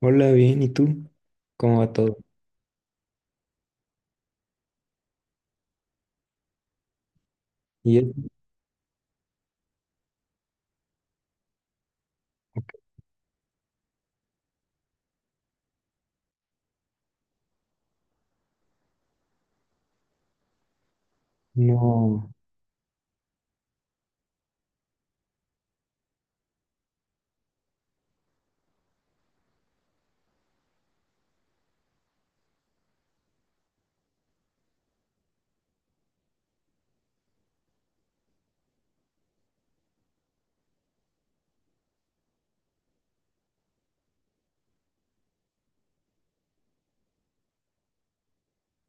Hola, bien, ¿y tú? ¿Cómo va todo? Y eso, ok, no,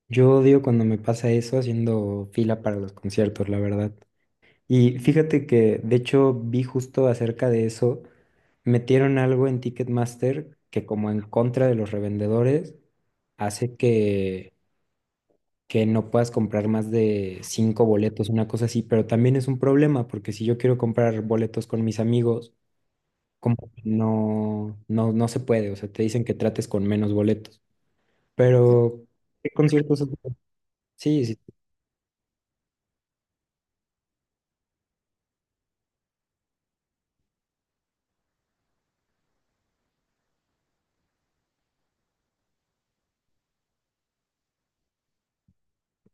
yo odio cuando me pasa eso haciendo fila para los conciertos, la verdad. Y fíjate que, de hecho, vi justo acerca de eso, metieron algo en Ticketmaster que como en contra de los revendedores, hace que no puedas comprar más de 5 boletos, una cosa así, pero también es un problema porque si yo quiero comprar boletos con mis amigos, como que no se puede, o sea, te dicen que trates con menos boletos. Pero, ¿qué conciertos has ido? Sí, sí,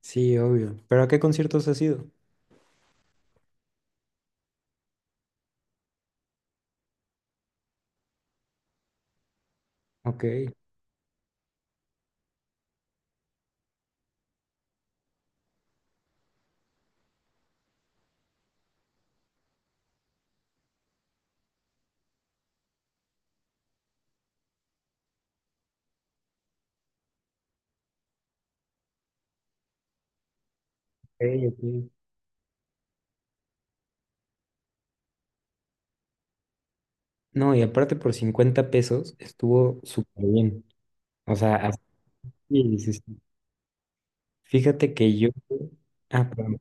sí, obvio. ¿Pero a qué conciertos has ido? Ok, ok, ok. No, y aparte por $50 estuvo súper bien. O sea, así, sí, sí. Fíjate que yo... Ah, perdón.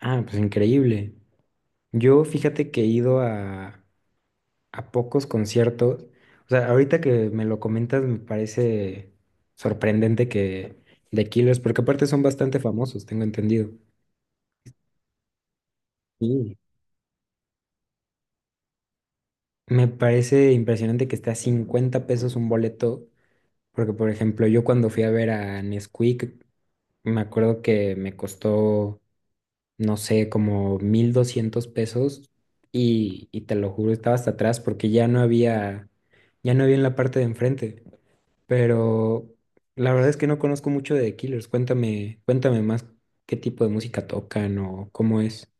Ah, pues increíble. Yo fíjate que he ido a pocos conciertos. O sea, ahorita que me lo comentas me parece sorprendente que de Killers, porque aparte son bastante famosos, tengo entendido. Sí. Me parece impresionante que esté a $50 un boleto, porque por ejemplo, yo cuando fui a ver a Nesquik, me acuerdo que me costó, no sé, como $1,200 y te lo juro, estaba hasta atrás porque ya no había en la parte de enfrente, pero la verdad es que no conozco mucho de The Killers, cuéntame, cuéntame más qué tipo de música tocan o cómo es.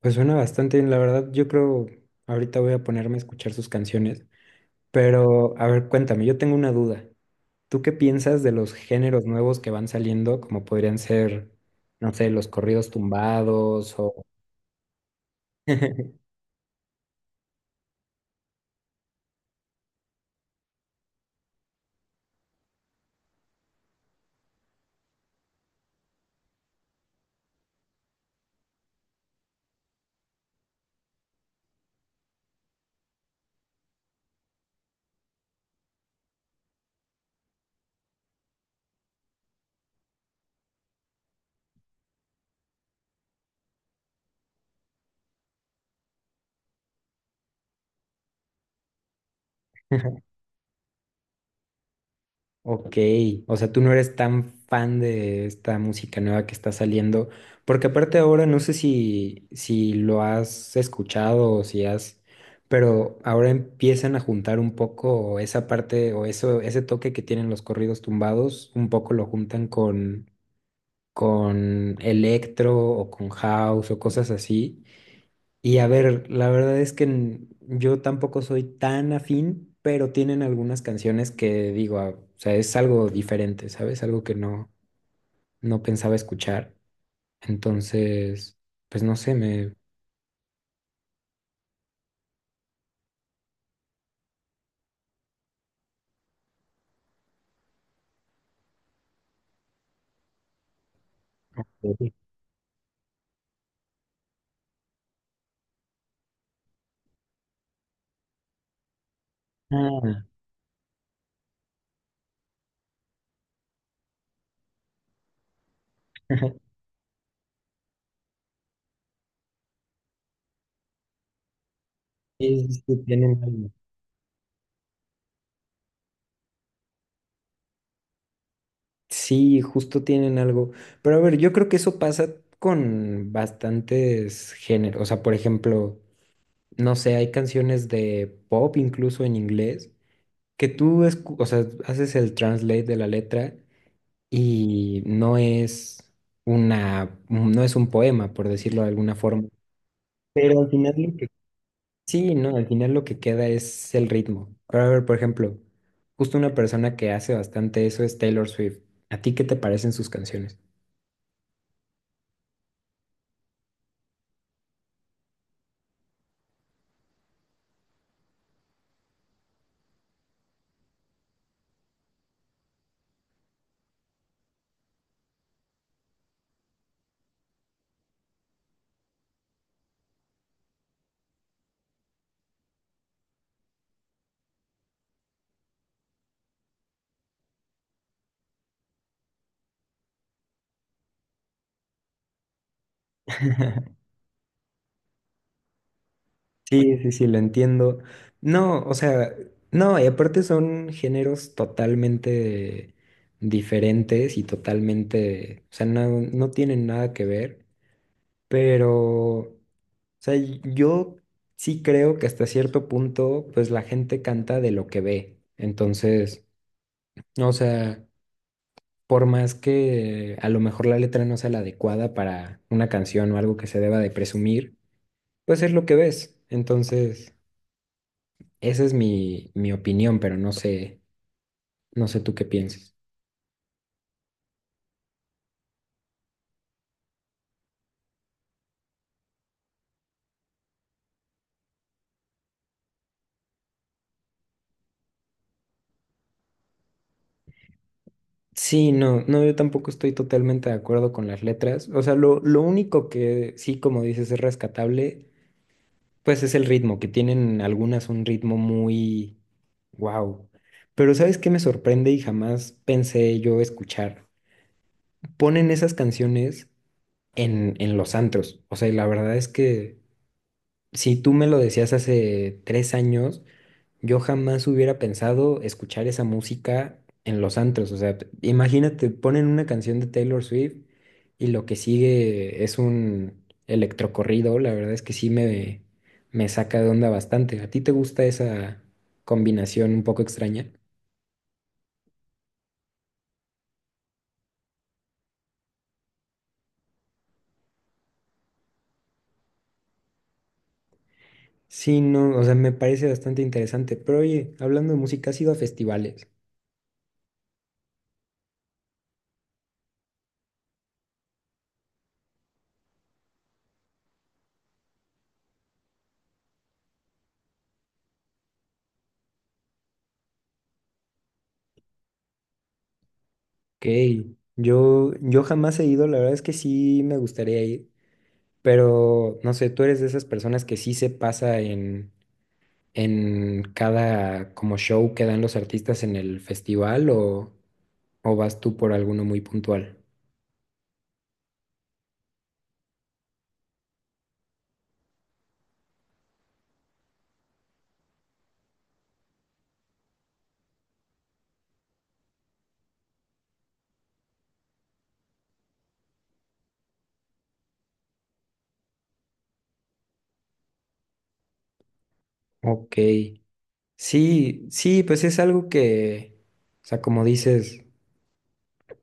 Pues suena bastante bien, la verdad, yo creo, ahorita voy a ponerme a escuchar sus canciones. Pero, a ver, cuéntame, yo tengo una duda. ¿Tú qué piensas de los géneros nuevos que van saliendo, como podrían ser, no sé, los corridos tumbados o... Ok, o sea, tú no eres tan fan de esta música nueva que está saliendo, porque aparte ahora no sé si lo has escuchado o si has, pero ahora empiezan a juntar un poco esa parte o eso, ese toque que tienen los corridos tumbados, un poco lo juntan con electro o con house o cosas así. Y a ver, la verdad es que yo tampoco soy tan afín, pero tienen algunas canciones que digo, ah, o sea, es algo diferente, ¿sabes? Algo que no pensaba escuchar. Entonces, pues no sé, me... Sí. Ah, sí, sí, sí, tienen algo. Sí, justo tienen algo. Pero a ver, yo creo que eso pasa con bastantes géneros. O sea, por ejemplo... no sé, hay canciones de pop incluso en inglés que tú, o sea, haces el translate de la letra y no es una, no es un poema, por decirlo de alguna forma. Pero al final lo que... Sí, no, al final lo que queda es el ritmo. Ahora, a ver, por ejemplo, justo una persona que hace bastante eso es Taylor Swift. ¿A ti qué te parecen sus canciones? Sí, sí, sí, lo entiendo. No, o sea, no, y aparte son géneros totalmente diferentes y totalmente, o sea, no tienen nada que ver, pero, o sea, yo sí creo que hasta cierto punto, pues la gente canta de lo que ve. Entonces, o sea, por más que a lo mejor la letra no sea la adecuada para una canción o algo que se deba de presumir, pues es lo que ves. Entonces... Esa es mi, mi opinión, pero no sé, no sé tú qué pienses. Sí, no, no, yo tampoco estoy totalmente de acuerdo con las letras. O sea, lo único que sí, como dices, es rescatable, pues es el ritmo, que tienen algunas un ritmo muy wow. Pero ¿sabes qué me sorprende y jamás pensé yo escuchar? Ponen esas canciones en los antros. O sea, y la verdad es que si tú me lo decías hace 3 años, yo jamás hubiera pensado escuchar esa música en los antros. O sea, imagínate, ponen una canción de Taylor Swift y lo que sigue es un electrocorrido. La verdad es que sí me saca de onda bastante. ¿A ti te gusta esa combinación un poco extraña? Sí, no, o sea, me parece bastante interesante. Pero oye, hablando de música, ¿has ido a festivales? Ok, yo jamás he ido, la verdad es que sí me gustaría ir, pero no sé, tú eres de esas personas que sí se pasa en cada como show que dan los artistas en el festival o vas tú por alguno muy puntual? Ok. Sí, sí, pues es algo que, o sea, como dices,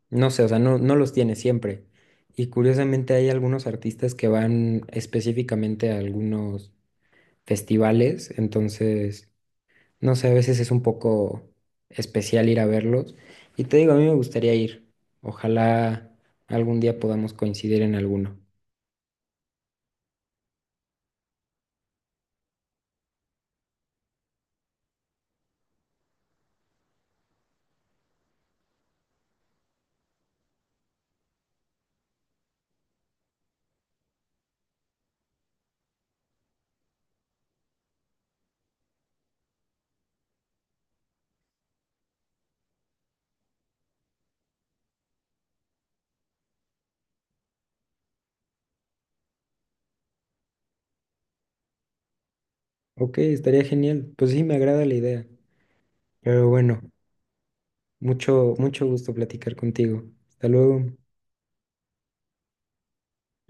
no sé, o sea, no los tiene siempre. Y curiosamente hay algunos artistas que van específicamente a algunos festivales, entonces, no sé, a veces es un poco especial ir a verlos. Y te digo, a mí me gustaría ir. Ojalá algún día podamos coincidir en alguno. Ok, estaría genial. Pues sí, me agrada la idea. Pero bueno, mucho, mucho gusto platicar contigo. Hasta luego.